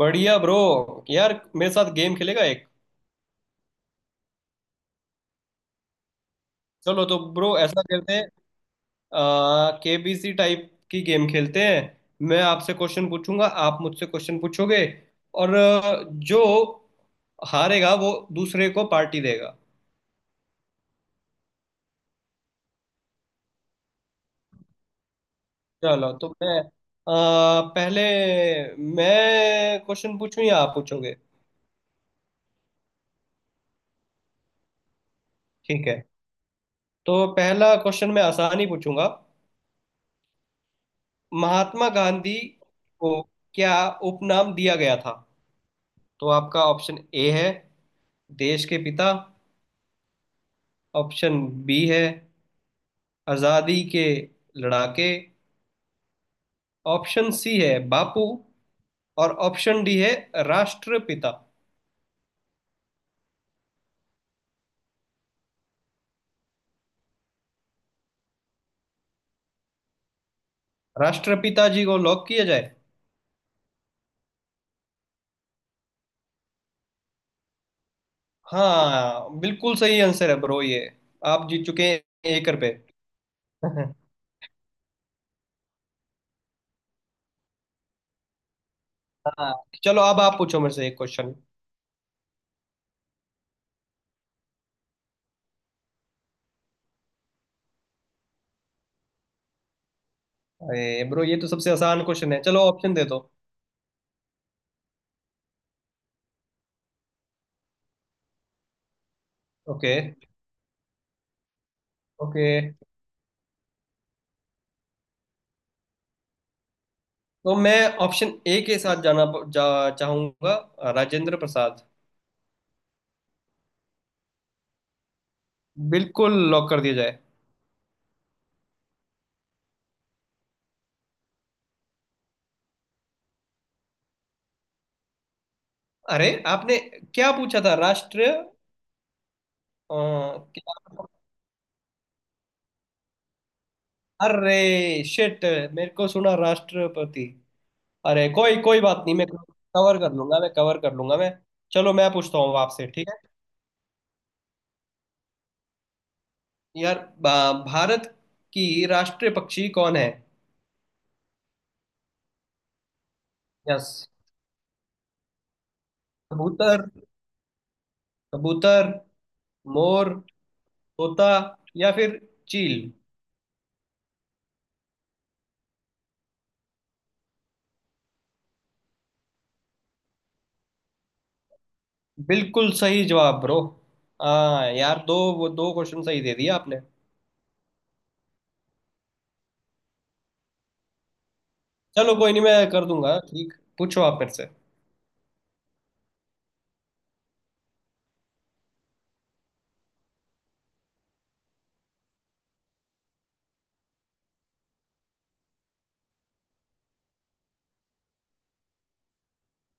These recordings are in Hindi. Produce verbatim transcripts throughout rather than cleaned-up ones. बढ़िया ब्रो। यार मेरे साथ गेम खेलेगा एक। चलो तो ब्रो, ऐसा करते हैं। केबीसी टाइप की गेम खेलते हैं। मैं आपसे क्वेश्चन पूछूंगा, आप मुझसे क्वेश्चन पूछोगे, और अ, जो हारेगा वो दूसरे को पार्टी देगा। चलो तो मैं अ, पहले मैं क्वेश्चन पूछूं या आप पूछोगे? ठीक है। तो पहला क्वेश्चन मैं आसान ही पूछूंगा। महात्मा गांधी को क्या उपनाम दिया गया था? तो आपका ऑप्शन ए है देश के पिता। ऑप्शन बी है आजादी के लड़ाके। ऑप्शन सी है बापू। और ऑप्शन डी है राष्ट्रपिता। राष्ट्रपिता जी को लॉक किया जाए। हाँ, बिल्कुल सही आंसर है ब्रो ये। आप जीत चुके हैं एक रुपए। हाँ। चलो अब आप पूछो मेरे से एक क्वेश्चन। अरे ब्रो, ये तो सबसे आसान क्वेश्चन है, चलो ऑप्शन दे दो। ओके। ओके, तो मैं ऑप्शन ए के साथ जाना जा, चाहूंगा, राजेंद्र प्रसाद। बिल्कुल लॉक कर दिया जाए। अरे आपने क्या पूछा था, राष्ट्र अ, क्या? अरे शिट, मेरे को सुना राष्ट्रपति। अरे, कोई कोई बात नहीं, मैं कवर कर लूंगा, मैं कवर कर लूंगा मैं। चलो मैं पूछता हूँ आपसे, ठीक है? यार, बा- भारत की राष्ट्रीय पक्षी कौन है? यस। कबूतर कबूतर, मोर, तोता, या फिर चील। बिल्कुल सही जवाब ब्रो। हाँ यार, दो वो दो क्वेश्चन सही दे दिया आपने। चलो कोई नहीं, मैं कर दूंगा ठीक। पूछो आप मेरे से।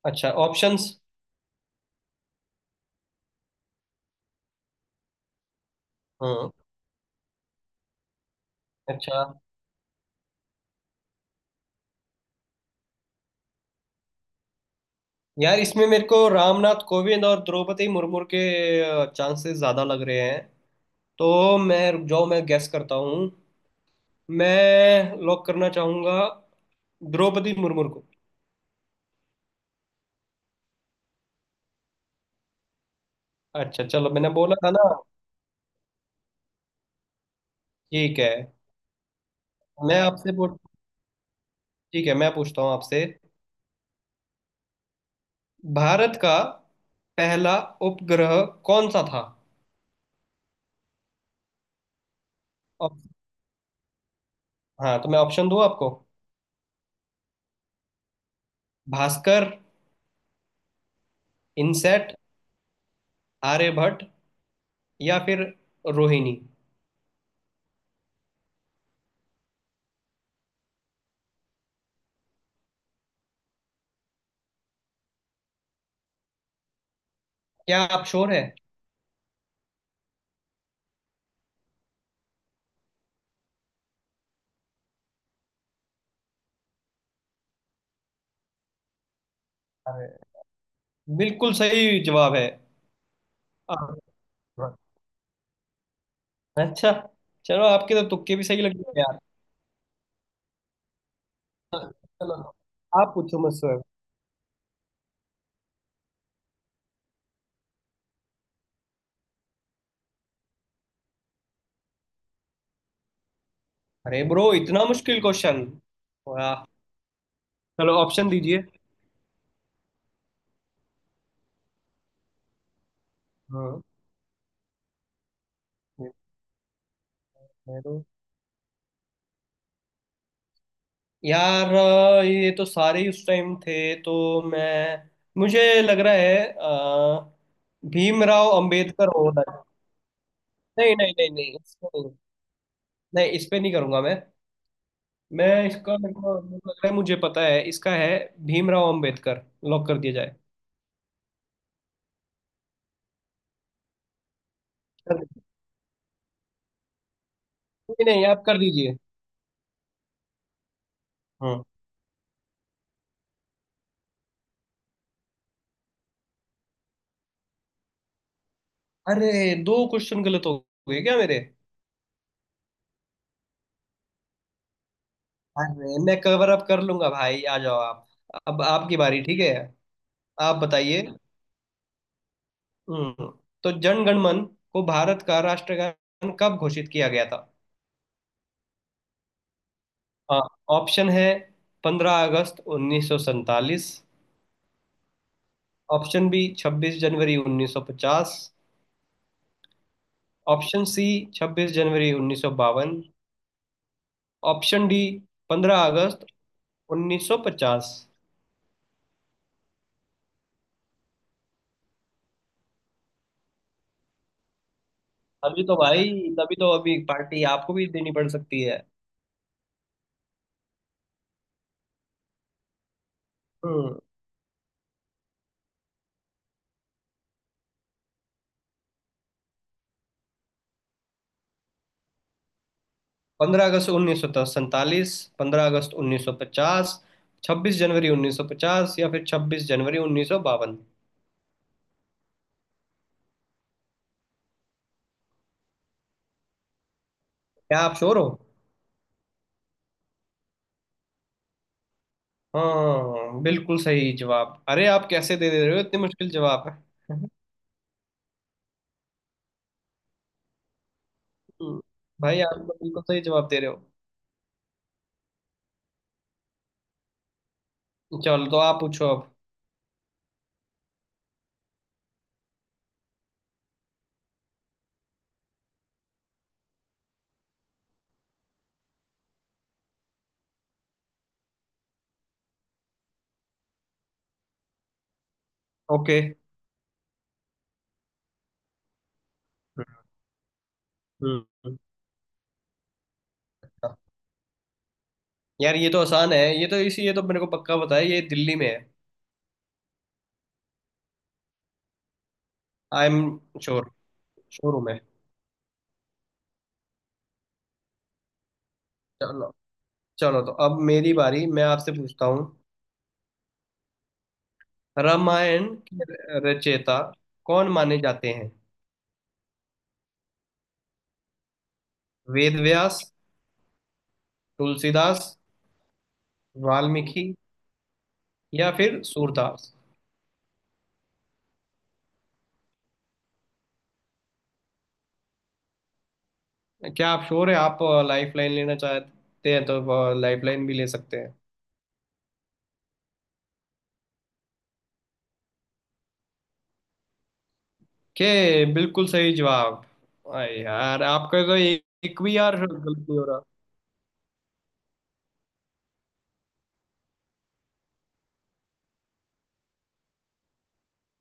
अच्छा, ऑप्शंस। हाँ। अच्छा। यार, इसमें मेरे को रामनाथ कोविंद और द्रौपदी मुर्मू के चांसेस ज्यादा लग रहे हैं। तो मैं, रुक जाओ, मैं गैस करता हूँ। मैं लॉक करना चाहूंगा द्रौपदी मुर्मू को। अच्छा चलो, मैंने बोला था ना। ठीक है। मैं आपसे पूछ ठीक है, मैं पूछता हूँ आपसे। भारत का पहला उपग्रह कौन सा था? ऑप- हाँ, तो मैं ऑप्शन दूँ आपको? भास्कर, इनसेट, आर्यभट्ट, या फिर रोहिणी। क्या आप श्योर है? अरे, बिल्कुल सही जवाब है। आप- अच्छा, चलो आपके तो तुक्के भी सही लग गए यार। हाँ, चलो आप पूछो मुझसे। अरे ब्रो, इतना मुश्किल क्वेश्चन? वाह। चलो ऑप्शन दीजिए। हम्म मैं तो यार, अ, ये तो सारे ही उस टाइम थे, तो मैं। मुझे लग रहा है अ, भीमराव अंबेडकर होना चाहिए। नहीं, नहीं, नहीं, नहीं, इस पे नहीं। नहीं, इस पे नहीं करूंगा मैं। मैं इसका, मेरे को मेरे को लग रहा है, मुझे पता है इसका है। भीमराव अंबेडकर लॉक कर दिया जाए। कर दीजिए। नहीं नहीं, आप कर दीजिए। हम्म। अरे, दो क्वेश्चन गलत हो गए क्या मेरे? अरे मैं कवर अप कर लूंगा भाई, आ जाओ आप। अब आपकी बारी, ठीक है? आप बताइए। हम्म तो जन गण मन को भारत का राष्ट्रगान कब घोषित किया गया था? हाँ, ऑप्शन है पंद्रह अगस्त उन्नीस सौ सैंतालीस। ऑप्शन बी, छब्बीस जनवरी उन्नीस सौ पचास। ऑप्शन सी, छब्बीस जनवरी उन्नीस सौ बावन। ऑप्शन डी, पंद्रह अगस्त उन्नीस सौ पचास। अभी तो भाई, तभी तो अभी पार्टी आपको भी देनी पड़ सकती है। हम्म पंद्रह अगस्त उन्नीस सौ सैंतालीस, पंद्रह अगस्त उन्नीस सौ पचास, छब्बीस जनवरी उन्नीस सौ पचास, या फिर छब्बीस जनवरी उन्नीस सौ बावन। क्या आप श्योर हो? हाँ बिल्कुल सही जवाब। अरे आप कैसे दे दे रहे हो, इतने मुश्किल जवाब है? भाई आप तो बिल्कुल सही जवाब दे रहे हो। चलो तो आप पूछो अब। ओके। हम्म यार ये तो आसान है, ये तो इसी ये तो मेरे को पक्का पता है ये दिल्ली में है। I am sure. श्योर हूँ मैं। चलो। चलो तो अब मेरी बारी, मैं आपसे पूछता हूँ। रामायण के रचयिता कौन माने जाते हैं? वेद व्यास, तुलसीदास, वाल्मीकि, या फिर सूरदास। क्या आप श्योर है? आप लाइफ लाइन लेना चाहते हैं तो लाइफ लाइन भी ले सकते हैं। के, बिल्कुल सही जवाब। अरे यार, आपका तो एक एक भी यार गलत नहीं हो रहा।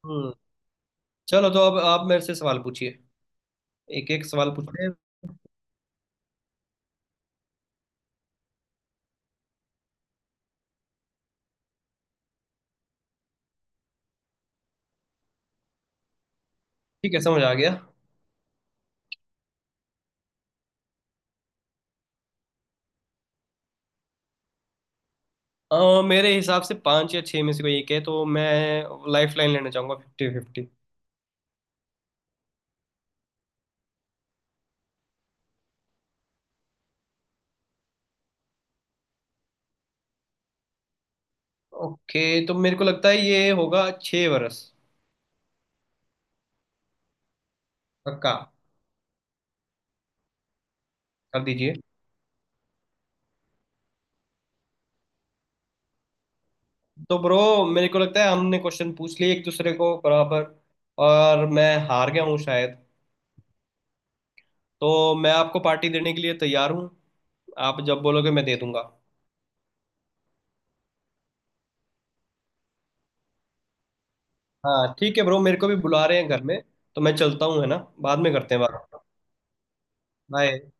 हम्म। चलो तो अब आप मेरे से सवाल पूछिए। एक एक सवाल पूछिए। ठीक है, समझ आ गया। अ, मेरे हिसाब से पांच या छह में से कोई एक है, तो मैं लाइफ लाइन लेना चाहूंगा फिफ्टी फिफ्टी। ओके, तो मेरे को लगता है ये होगा छह वर्ष। पक्का। कर दीजिए। तो ब्रो, मेरे को लगता है हमने क्वेश्चन पूछ लिए एक दूसरे को बराबर। और मैं हार गया हूँ शायद। तो मैं आपको पार्टी देने के लिए तैयार हूँ। आप जब बोलोगे मैं दे दूंगा। हाँ ठीक है ब्रो, मेरे को भी बुला रहे हैं घर में। तो मैं चलता हूँ, है ना। बाद में करते हैं बात। बाय।